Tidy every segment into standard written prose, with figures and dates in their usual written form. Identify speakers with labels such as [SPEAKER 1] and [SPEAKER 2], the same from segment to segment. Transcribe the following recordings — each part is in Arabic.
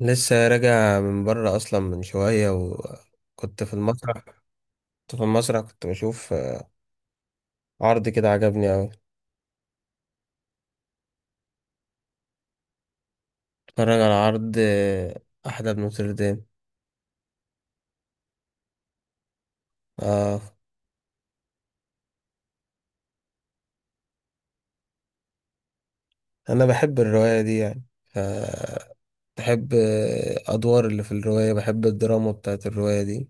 [SPEAKER 1] لسه راجع من بره اصلا من شويه وكنت في المسرح. كنت في المسرح، كنت بشوف عرض كده عجبني اوي. اتفرج على عرض، احلى بن نوتردام. اه، انا بحب الروايه دي يعني بحب، ادوار اللي في الروايه. بحب الدراما بتاعت الروايه دي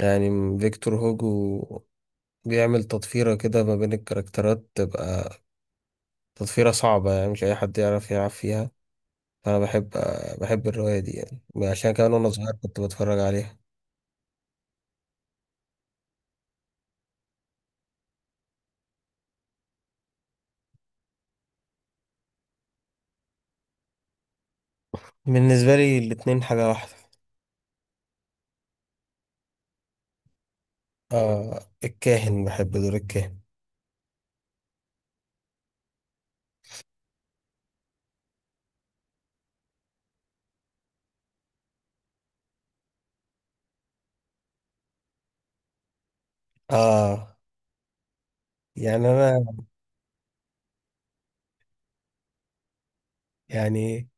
[SPEAKER 1] يعني فيكتور هوجو بيعمل تطفيره كده ما بين الكاركترات. تبقى تطفيره صعبة، يعني مش أي حد يعرف يلعب فيها. فأنا بحب، الرواية دي يعني، عشان كمان وأنا صغير كنت بتفرج عليها. بالنسبة لي الاتنين حاجة واحدة. آه، الكاهن، بحب دور الكاهن. آه، يعني أنا، يعني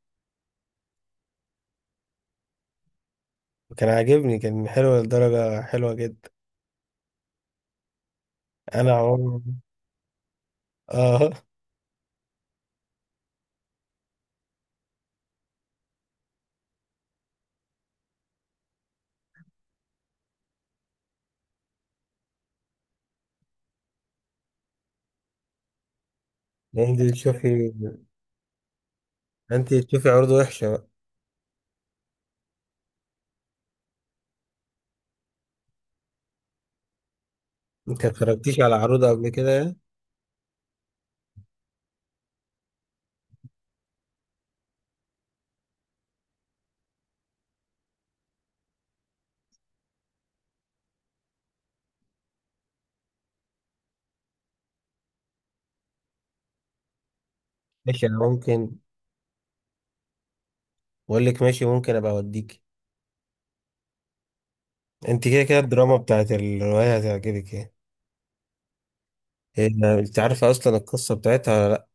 [SPEAKER 1] كان عاجبني، كان حلو لدرجة حلوة جدا. أنا عمري. آه أنت تشوفي، عروض وحشة بقى؟ أنت متفرجتيش على عروض قبل كده يعني؟ ماشي، أنا ممكن بقول لك، ماشي ممكن أبقى أوديكي. أنت كده كده الدراما بتاعت الرواية هتعجبك يعني. إيه، أنت عارفة أصلا القصة بتاعتها ولا؟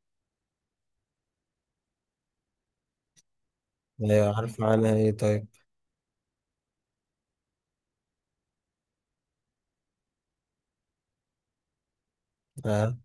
[SPEAKER 1] لأ؟ إيه، عارفة عنها إيه طيب؟ آه.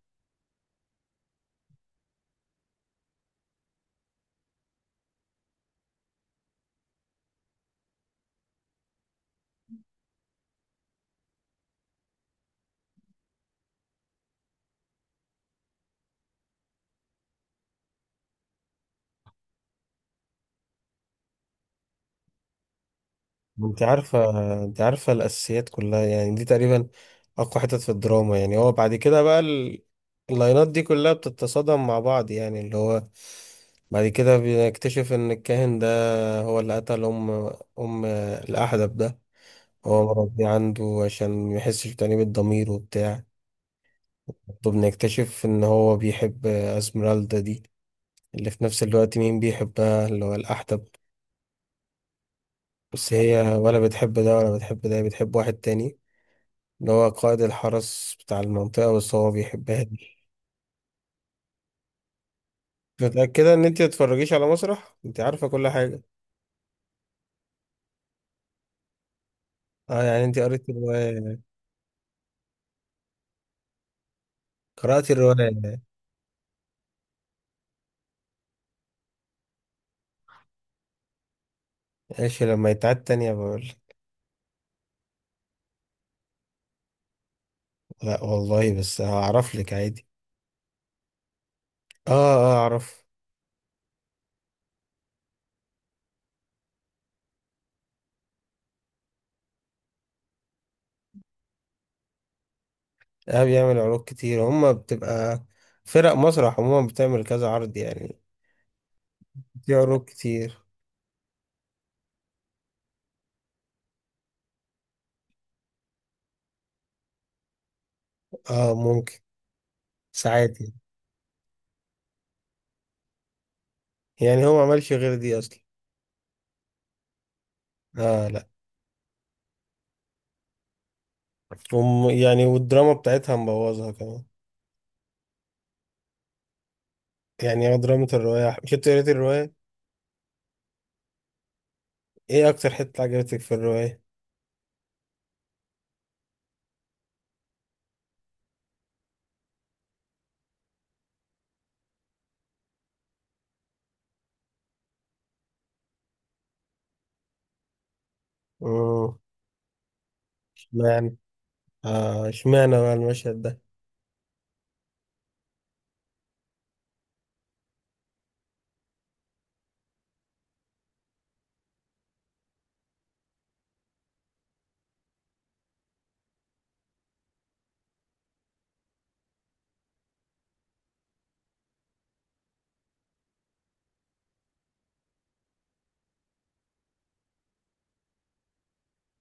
[SPEAKER 1] انت عارفة انت عارفة الأساسيات كلها، يعني دي تقريبا أقوى حتت في الدراما. يعني هو بعد كده بقى اللاينات دي كلها بتتصادم مع بعض، يعني اللي هو بعد كده بنكتشف إن الكاهن ده هو اللي قتل أم، الأحدب ده، هو مربيه عنده عشان ميحسش بتأنيب الضمير وبتاع. وبنكتشف إن هو بيحب أسمرالدا دي، اللي في نفس الوقت مين بيحبها اللي هو الأحدب. بس هي ولا بتحب ده ولا بتحب ده، بتحب واحد تاني اللي هو قائد الحرس بتاع المنطقة، بس هو بيحبها دي. متأكدة إن أنت متتفرجيش على مسرح؟ أنت عارفة كل حاجة. أه، يعني أنت قريت الرواية، قرأت الرواية. ماشي، لما يتعاد تانية بقول. لا والله، بس هعرف لك عادي. أه، أه، أعرف. أه، بيعمل عروض كتير. هما بتبقى فرق مسرح عموما، بتعمل كذا عرض يعني. في عروض كتير. أه ممكن، ساعات يعني. يعني هو ما عملش غير دي أصلا. أه، لا. يعني، والدراما بتاعتها مبوظها كمان. يعني هو دراما الرواية، كنت قريت الرواية. ايه اكتر حتة عجبتك في الرواية؟ امم اشمعنى، آه، اشمعنى بقى المشهد ده؟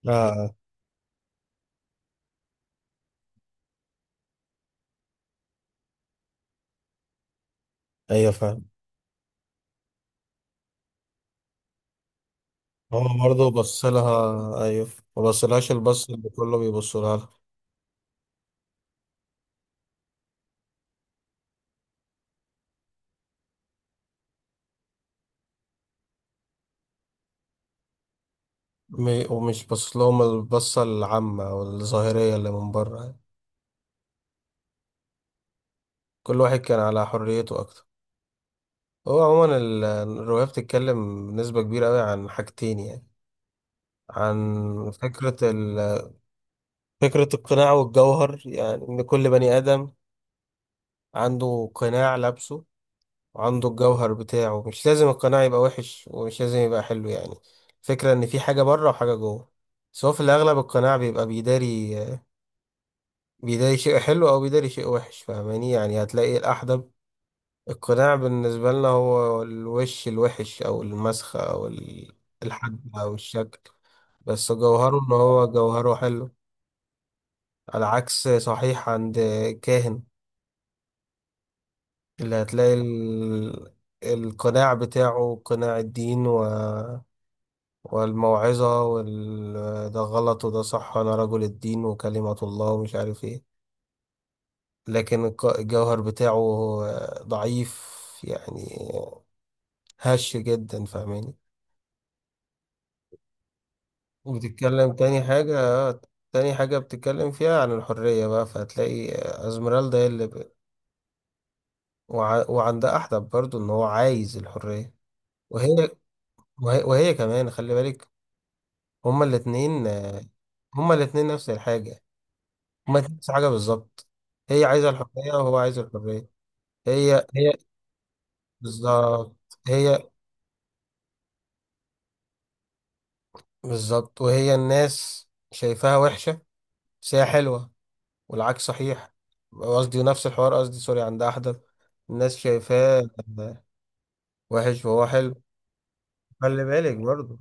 [SPEAKER 1] اه، ايوه، فاهم. هو برضه بص لها ايوه، ما بصلهاش البص اللي كله بيبص لها. ومش بص لهم البصة العامة او الظاهرية اللي من بره يعني. كل واحد كان على حريته اكتر. هو عموما الرواية بتتكلم بنسبة كبيرة قوي عن حاجتين يعني، عن فكرة فكرة القناع والجوهر، يعني إن كل بني آدم عنده قناع لابسه، وعنده الجوهر بتاعه. مش لازم القناع يبقى وحش، ومش لازم يبقى حلو يعني. الفكرة ان في حاجة بره وحاجة جوه. بس هو في الاغلب القناع بيبقى بيداري شيء حلو، او بيداري شيء وحش، فاهماني؟ يعني هتلاقي الاحدب، القناع بالنسبة لنا هو الوش الوحش، او المسخة، او الحجم او الشكل. بس جوهره، ان هو جوهره حلو، على عكس صحيح عند كاهن، اللي هتلاقي القناع بتاعه قناع الدين، والموعظة ده غلط وده صح، أنا رجل الدين وكلمة الله ومش عارف إيه. لكن الجوهر بتاعه ضعيف، يعني هش جدا، فاهماني؟ وبتتكلم تاني حاجة، تاني حاجة بتتكلم فيها عن الحرية بقى. فهتلاقي أزمرالدا هي اللي وعند أحدب برضو، إن هو عايز الحرية. وهي، وهي كمان، خلي بالك. هما الاتنين آه، هما الاتنين نفس الحاجة، هما الاتنين نفس الحاجة بالظبط. هي عايزة الحرية وهو عايز الحرية. هي بالظبط. هي بالظبط، وهي الناس شايفاها وحشة، بس هي حلوة، والعكس صحيح. قصدي نفس الحوار، قصدي سوري، عند أحدث الناس شايفاه وحش وهو حلو. خلي بالك برضه.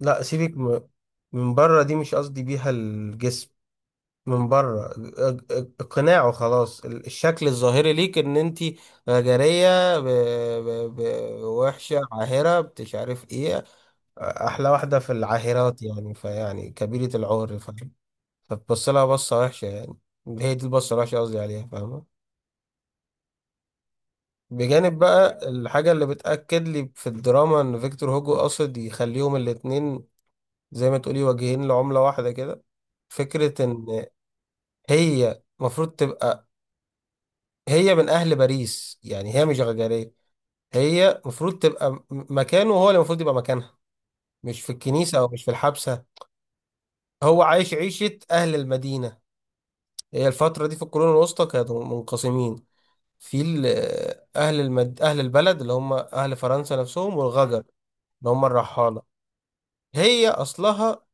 [SPEAKER 1] لا، سيبك. من بره دي مش قصدي بيها الجسم. من بره اقناعه خلاص، الشكل الظاهري ليك ان انت غجريه، ب... ب... وحشه عاهره مش عارف ايه، احلى واحده في العاهرات، يعني فيعني كبيره العور، فاهم؟ فتبص لها بصه وحشه يعني. هي دي البصه الوحشه قصدي عليها، فاهمه؟ بجانب بقى الحاجه اللي بتاكد لي في الدراما، ان فيكتور هوجو قصد يخليهم الاتنين زي ما تقولي وجهين لعمله واحده كده. فكره ان هي المفروض تبقى، هي من اهل باريس يعني، هي مش غجريه. هي المفروض تبقى مكانه، هو اللي المفروض يبقى مكانها، مش في الكنيسه او مش في الحبسه. هو عايش عيشه اهل المدينه. هي الفتره دي في القرون الوسطى كانوا منقسمين، في اهل اهل البلد اللي هم اهل فرنسا نفسهم، والغجر اللي هم الرحاله. هي اصلها،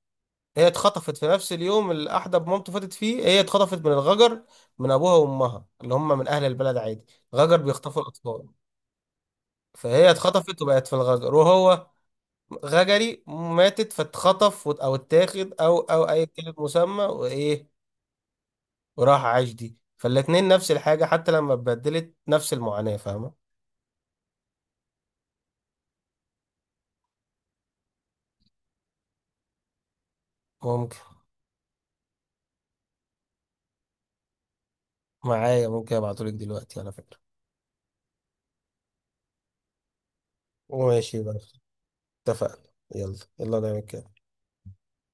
[SPEAKER 1] هي اتخطفت في نفس اليوم اللي احدب مامته فاتت فيه. هي اتخطفت من الغجر، من ابوها وامها اللي هم من اهل البلد عادي. غجر بيخطفوا الاطفال. فهي اتخطفت وبقت في الغجر، وهو غجري ماتت، فاتخطف او اتاخد، او اي كلمة مسمى وايه، وراح عاش دي. فالاتنين نفس الحاجة، حتى لما اتبدلت نفس المعاناة، فاهمة؟ ممكن، معايا، ممكن ابعتهولك دلوقتي على فكرة. ماشي بقى. اتفقنا. يلا يلا نعمل كده.